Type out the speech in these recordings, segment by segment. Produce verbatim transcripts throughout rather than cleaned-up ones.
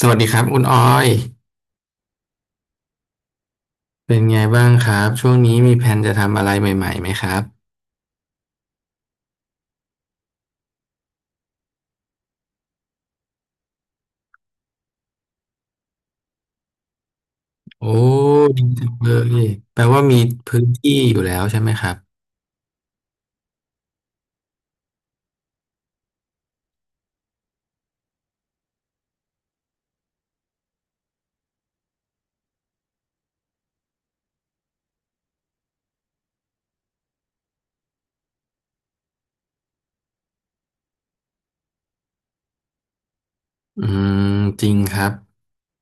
สวัสดีครับคุณออยเป็นไงบ้างครับช่วงนี้มีแผนจะทำอะไรใหม่ๆไหมครับโอ้ดีจังเลยแปลว่ามีพื้นที่อยู่แล้วใช่ไหมครับอืมจริงครับ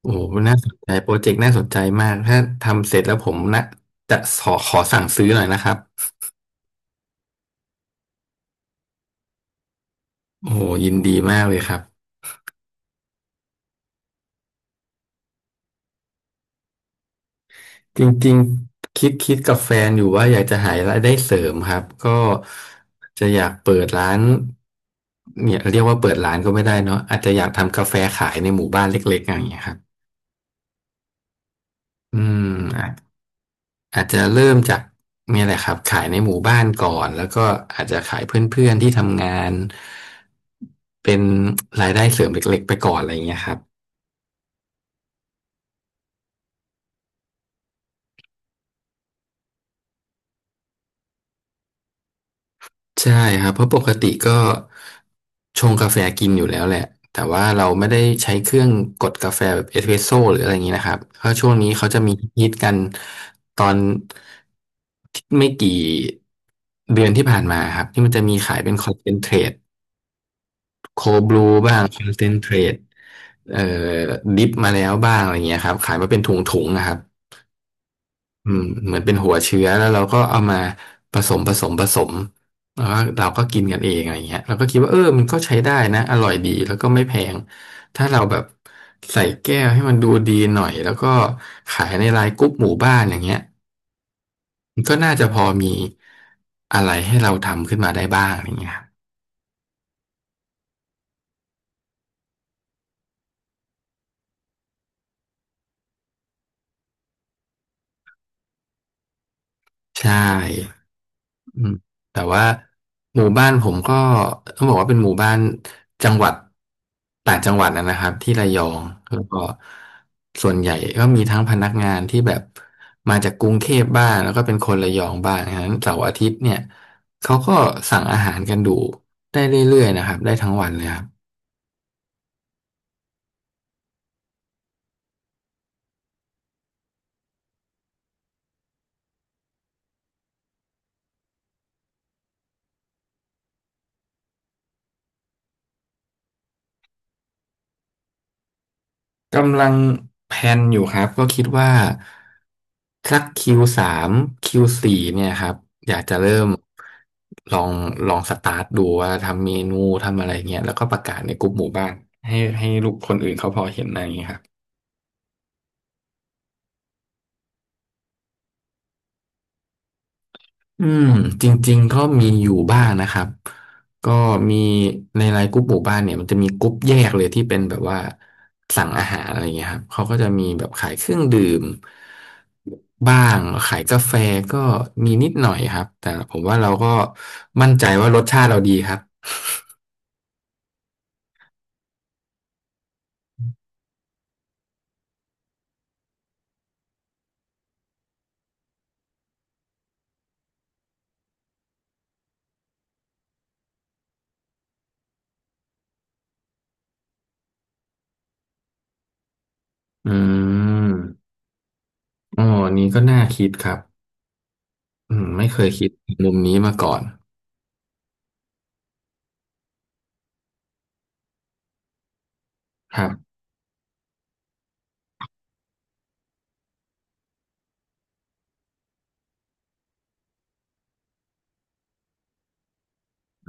โอ้น่าสนใจโปรเจกต์น่าสนใจมากถ้าทำเสร็จแล้วผมนะจะขอขอสั่งซื้อหน่อยนะครับโอ้ยินดีมากเลยครับ จริงๆคิดคิดกับแฟนอยู่ว่าอยากจะหารายได้เสริมครับก็จะอยากเปิดร้านเนี่ยเรียกว่าเปิดร้านก็ไม่ได้เนาะอาจจะอยากทำกาแฟขายในหมู่บ้านเล็กๆอย่างเงี้ยครับอืมอาจอาจจะเริ่มจากเนี่ยแหละครับขายในหมู่บ้านก่อนแล้วก็อาจจะขายเพื่อนๆที่ทำงานเป็นรายได้เสริมเล็กๆไปก่อนอะไรอย่างเงี้ยครับ ใช่ครับเพราะปกติก็ชงกาแฟกินอยู่แล้วแหละแต่ว่าเราไม่ได้ใช้เครื่องกดกาแฟแบบเอสเปรสโซ่หรืออะไรอย่างนี้นะครับเพราะช่วงนี้เขาจะมีฮิตกันตอนไม่กี่เดือนที่ผ่านมาครับที่มันจะมีขายเป็นคอนเซนเทรตโคบลูบ้างคอนเซนเทรตเอ่อดิฟมาแล้วบ้างอะไรอย่างเงี้ยครับขายมาเป็นถุงๆนะครับ อืมเหมือนเป็นหัวเชื้อแล้วเราก็เอามาผสมผสมผสมแล้วก็เราก็กินกันเองอะไรเงี้ยเราก็คิดว่าเออมันก็ใช้ได้นะอร่อยดีแล้วก็ไม่แพงถ้าเราแบบใส่แก้วให้มันดูดีหน่อยแล้วก็ขายในไลน์กรุ๊ปหมู่บ้านอย่างเงี้ยมันก็น่าจะพอมีอะไรให้เราทำขึ้นมาได้บ้างอย่างเงี้ยครับใช่ อืมแต่ว่าหมู่บ้านผมก็ต้องบอกว่าเป็นหมู่บ้านจังหวัดต่างจังหวัดนะนะครับที่ระยองแล้วก็ส่วนใหญ่ก็มีทั้งพนักงานที่แบบมาจากกรุงเทพบ้างแล้วก็เป็นคนระยองบ้างฉะนั้นเสาร์อาทิตย์เนี่ยเขาก็สั่งอาหารกันดูได้เรื่อยๆนะครับได้ทั้งวันเลยครับ กำลังแพลนอยู่ครับก็คิดว่าสักคคิิวสามคิวสี่เนี่ยครับอยากจะเริ่มลองลองสตาร์ทดูว่าทำเมนูทำอะไรเงี้ยแล้วก็ประกาศในกลุ่มหมู่บ้านให้ให้ลูกคนอื่นเขาพอเห็นอะไรอย่างเงี้ยครับ อืมจริงๆก็มีอยู่บ้างนะครับก็มีในไลน์กรุ๊ปหมู่บ้านเนี่ยมันจะมีกรุ๊ปแยกเลยที่เป็นแบบว่าสั่งอาหารอะไรเงี้ยครับเขาก็จะมีแบบขายเครื่องดื่มบ้างขายกาแฟก็มีนิดหน่อยครับแต่ผมว่าเราก็มั่นใจว่ารสชาติเราดีครับอืมอ๋ออันนี้ก็น่าคิดครับอืมไม่เคยคิดมุมนี้มาก่อนครับ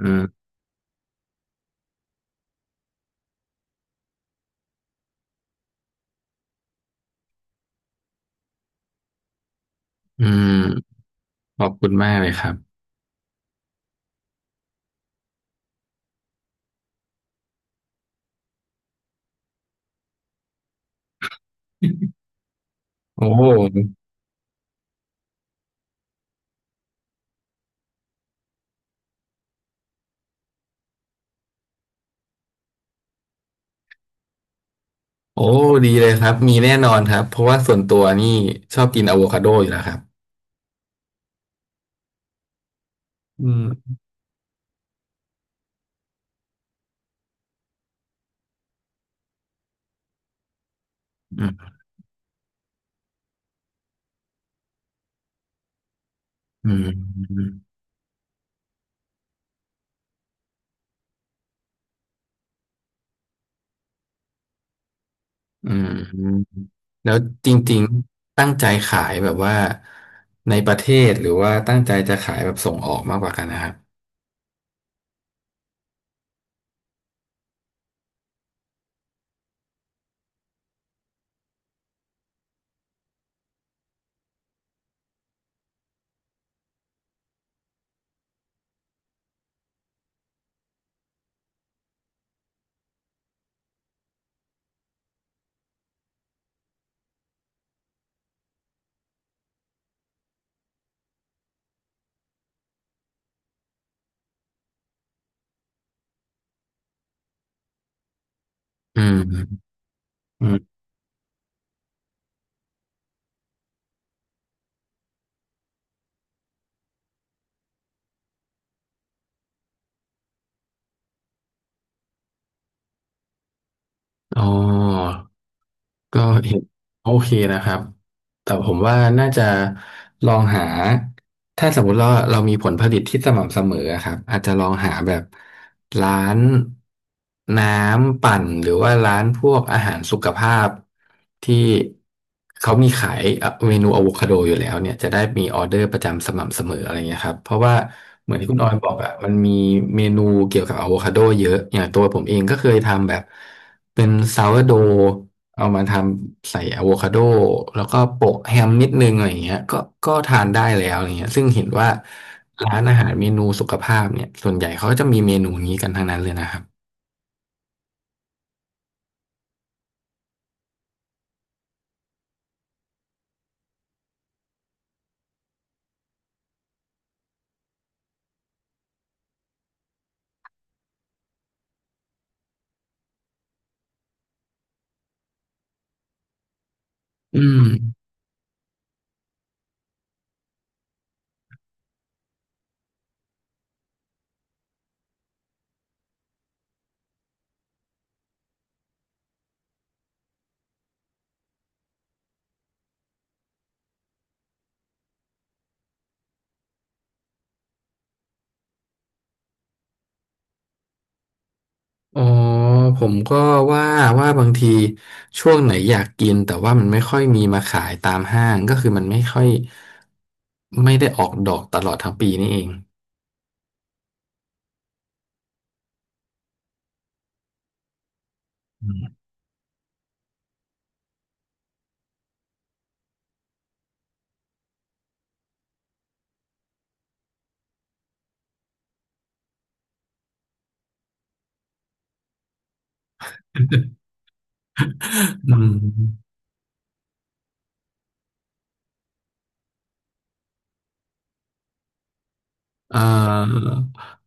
อืมอืมขอบคุณมากเลยครับโอ้ โอ้ดีเลยครับมีแน่นอนครับเพราะว่าส่วนตัวนี่ชอบกินอะโวคาโดอยู่แล้วครับอืมอืมอืมอืมอืมแล้วจริงๆตั้งใจขายแบบว่าในประเทศหรือว่าตั้งใจจะขายแบบส่งออกมากกว่ากันนะครับอืมอืมอ๋อ ก็เห็นโอเคนะครับแต่ผมว่าน่าจะลองหาถ้าสมมุติเราเรามีผลผลิตที่สม่ำเสมออะครับอาจจะลองหาแบบร้านน้ำปั่นหรือว่าร้านพวกอาหารสุขภาพที่เขามีขายเอ่อเมนูอะโวคาโดอยู่แล้วเนี่ยจะได้มีออเดอร์ประจำสม่ำเสมออะไรเงี้ยครับเพราะว่าเหมือนที่คุณออยบอกอะมันมีเมนูเกี่ยวกับอะโวคาโดเยอะอย่างตัวผมเองก็เคยทำแบบเป็นซาวร์โด เอามาทำใส่อะโวคาโดแล้วก็โปะแฮมนิดนึงอะไรอย่างเงี้ยก็ก็ทานได้แล้วอะไรเงี้ยซึ่งเห็นว่าร้านอาหารเมนูสุขภาพเนี่ยส่วนใหญ่เขาก็จะมีเมนูนี้กันทั้งนั้นเลยนะครับอืมอ๋อผมก็ว่าว่าบางทีช่วงไหนอยากกินแต่ว่ามันไม่ค่อยมีมาขายตามห้างก็คือมันไม่ค่อยไม่ได้ออกดอกตลอดทั้งปีนี่เองอืม อ่า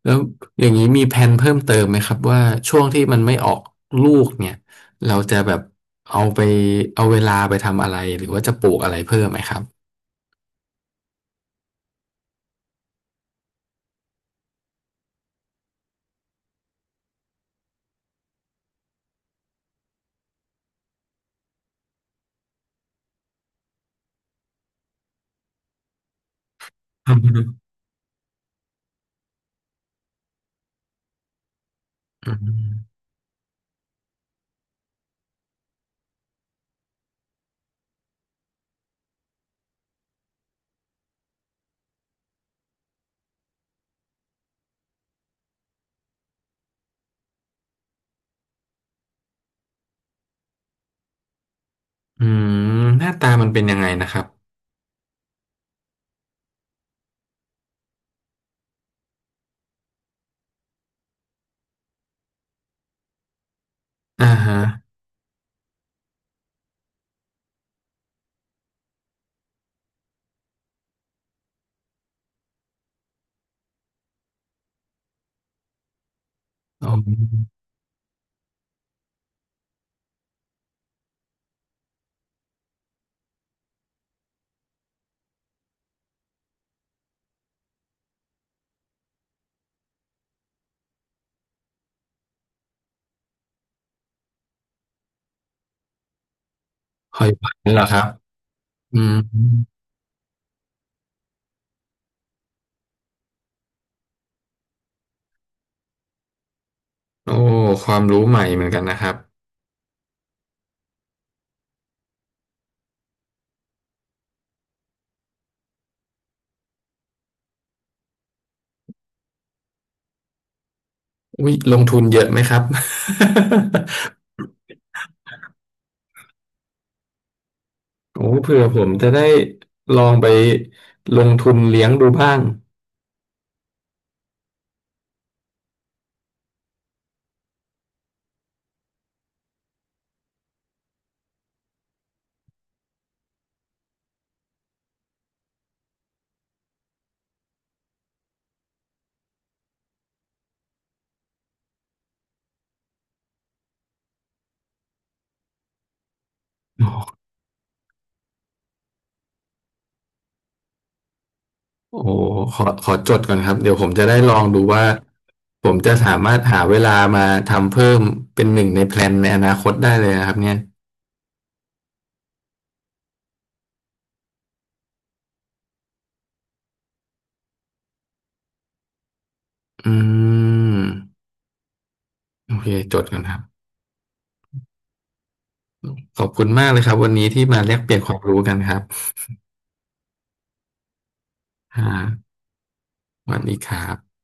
แล้วอย่างนี้มีแผนเพิ่มเติมไหมครับว่าช่วงที่มันไม่ออกลูกเนี่ยเราจะแบบเอาไปเอาเวลาไปทำอะไรหรือว่าจะปลูกอะไรเพิ่มไหมครับอืมอืมอืมหน้าตามันเป็นยังไงนะครับอ่าฮะอ๋อหอยหวานเหรอครับอืมโอ้ความรู้ใหม่เหมือนกันนะครับวิลงทุนเยอะไหมครับ โอ้เผื่อผมจะได้ลองไปลงทุนเลี้ยงดูบ้างโอ้ โอ้โหขอขอจดก่อนครับเดี๋ยวผมจะได้ลองดูว่าผมจะสามารถหาเวลามาทำเพิ่มเป็นหนึ่งในแพลนในอนาคตได้เลยนะครับเนี่ยอืมโอเคจดก่อนครับขอบคุณมากเลยครับวันนี้ที่มาแลกเปลี่ยนความรู้กันครับอ่าสวัสดีครับ